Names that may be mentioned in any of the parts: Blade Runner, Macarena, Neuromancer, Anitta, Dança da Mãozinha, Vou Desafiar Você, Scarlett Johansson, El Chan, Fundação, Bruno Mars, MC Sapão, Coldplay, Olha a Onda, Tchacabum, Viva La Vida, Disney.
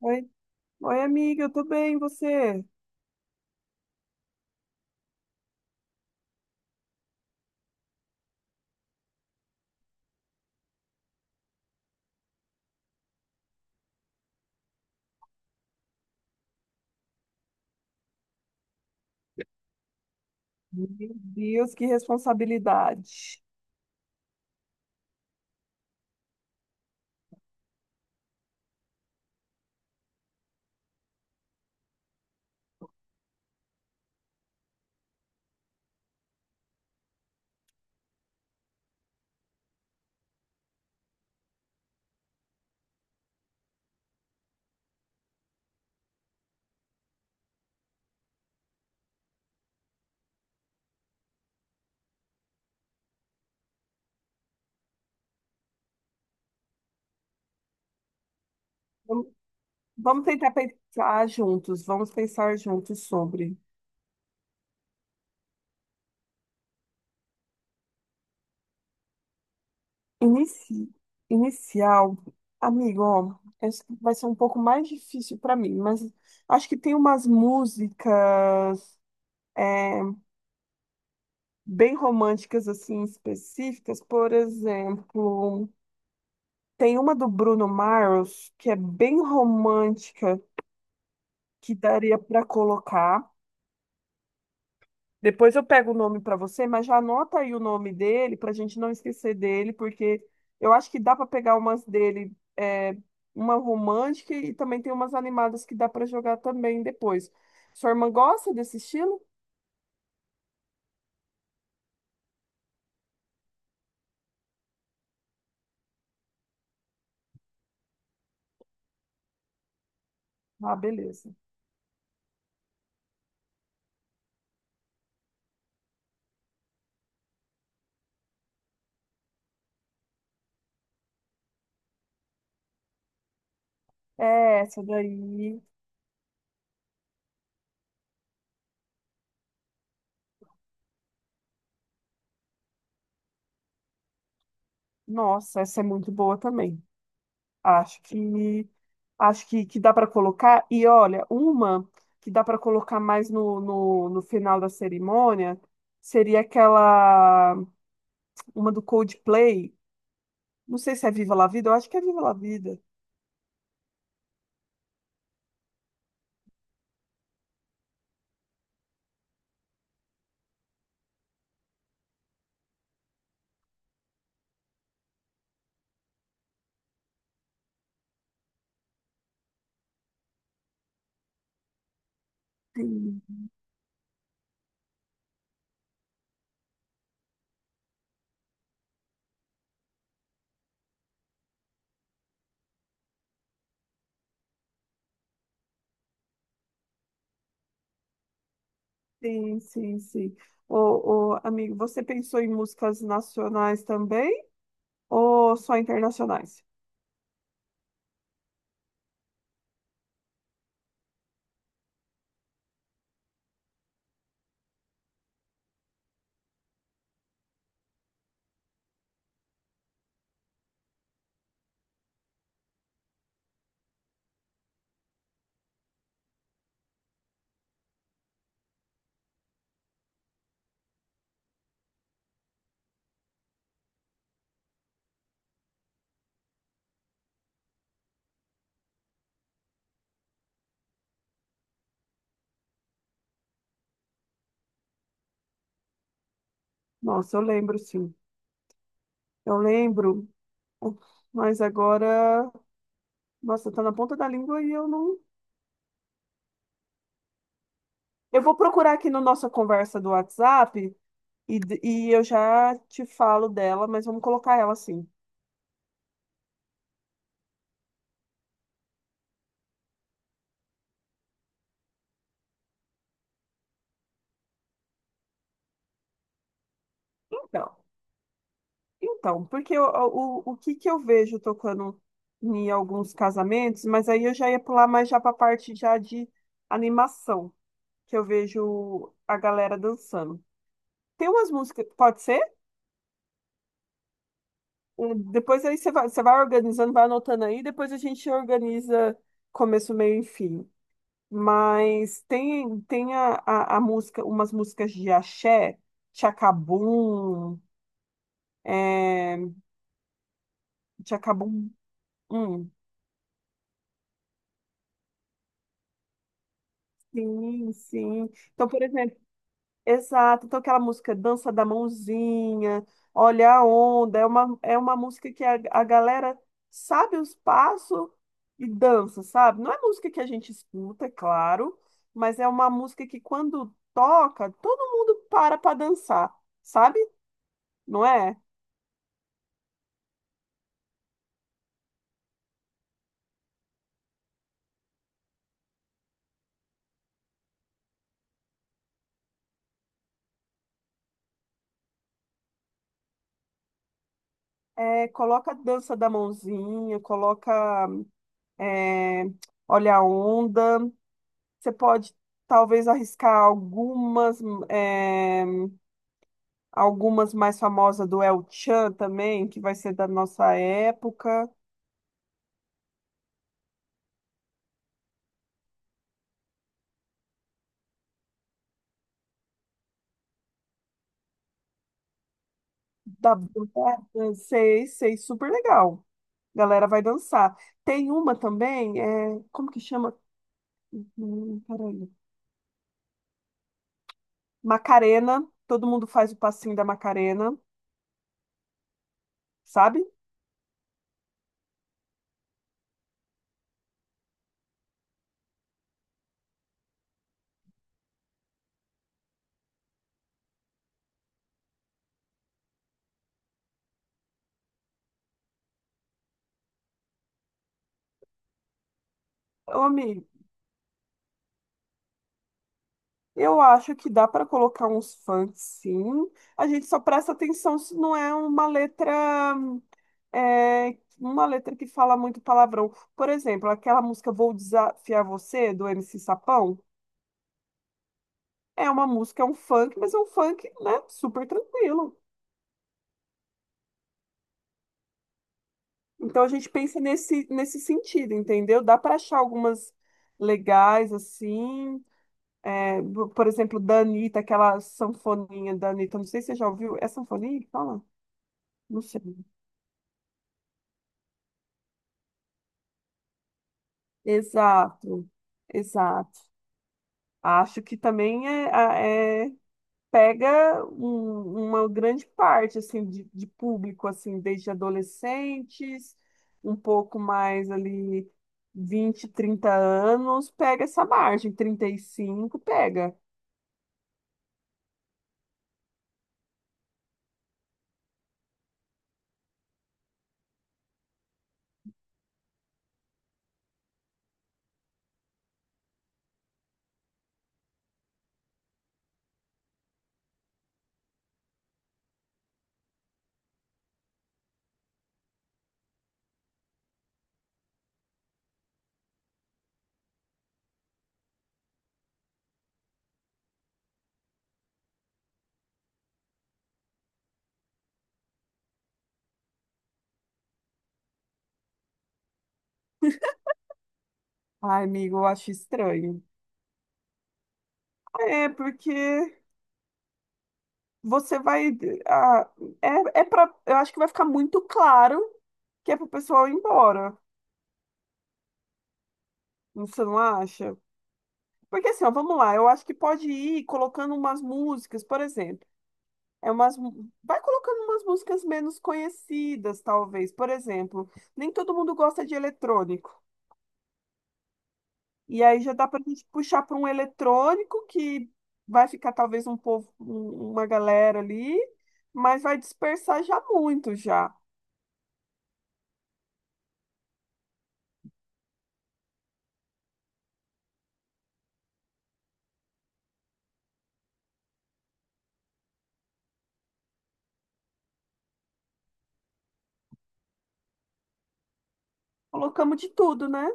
Oi, oi, amiga, eu tô bem, e você? Meu Deus, que responsabilidade. Vamos vamos tentar pensar juntos, vamos pensar juntos sobre. Inici... Inicial, amigo, ó, essa vai ser um pouco mais difícil pra mim, mas acho que tem umas músicas é, bem românticas, assim, específicas. Por exemplo, tem uma do Bruno Mars que é bem romântica, que daria pra colocar. Depois eu pego o nome para você, mas já anota aí o nome dele para a gente não esquecer dele, porque eu acho que dá para pegar umas dele, é, uma romântica e também tem umas animadas que dá para jogar também depois. Sua irmã gosta desse estilo? Ah, beleza. É, essa daí. Nossa, essa é muito boa também. Acho que acho que dá para colocar. E olha, uma que dá para colocar mais no final da cerimônia seria aquela. Uma do Coldplay. Não sei se é Viva La Vida, eu acho que é Viva La Vida. Sim. Sim, sim, sim. Ô, ô, amigo, você pensou em músicas nacionais também ou só internacionais? Nossa, eu lembro, sim. Eu lembro, mas agora, nossa, tá na ponta da língua e eu não. Eu vou procurar aqui na nossa conversa do WhatsApp e eu já te falo dela, mas vamos colocar ela assim. Então. Então, que eu vejo tocando em alguns casamentos, mas aí eu já ia pular mais já para a parte já de animação, que eu vejo a galera dançando. Tem umas músicas, pode ser? Depois aí você vai organizando, vai anotando aí, depois a gente organiza começo, meio e fim. Mas tem, tem umas músicas de axé, Tchacabum, é, Tchacabum, hum, sim, sim. Então, por exemplo, exato, então aquela música Dança da Mãozinha, Olha a Onda, é uma música que a galera sabe os passos e dança, sabe? Não é música que a gente escuta, é claro, mas é uma música que quando toca, todo mundo para dançar, sabe? Não é? É, coloca Dança da Mãozinha, coloca é, Olha a Onda, você pode talvez arriscar algumas. é, Algumas mais famosas do El Chan também, que vai ser da nossa época, da banda, sei, sei, super legal. Galera vai dançar. Tem uma também, é, como que chama? Peraí. Macarena, todo mundo faz o passinho da Macarena, sabe? Ô, amigo, eu acho que dá para colocar uns funk, sim. A gente só presta atenção se não é uma letra, é, uma letra que fala muito palavrão. Por exemplo, aquela música Vou Desafiar Você, do MC Sapão, é uma música, é um funk, mas é um funk, né, super tranquilo. Então a gente pensa nesse sentido, entendeu? Dá para achar algumas legais, assim. É, por exemplo, da Anitta, aquela sanfoninha da Anitta, não sei se você já ouviu. É sanfoninha que fala? Não sei. Exato, exato. Acho que também é, pega uma grande parte assim de público assim, desde adolescentes, um pouco mais ali 20, 30 anos, pega essa margem, 35 pega. Ai, amigo, eu acho estranho. É porque você vai ah, é para eu acho que vai ficar muito claro que é pro pessoal ir embora. Você não acha? Porque assim, ó, vamos lá, eu acho que pode ir colocando umas músicas, por exemplo. É vai colocando umas músicas menos conhecidas, talvez. Por exemplo, nem todo mundo gosta de eletrônico. E aí já dá pra gente puxar para um eletrônico que vai ficar talvez um povo, uma galera ali, mas vai dispersar já muito já. Colocamos de tudo, né?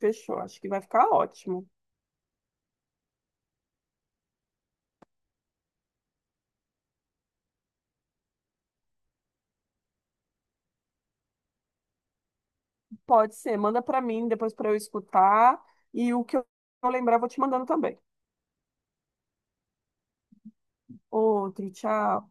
Fechou, acho que vai ficar ótimo. Pode ser, manda pra mim depois pra eu escutar e o que eu lembrar eu vou te mandando também. Outro, tchau.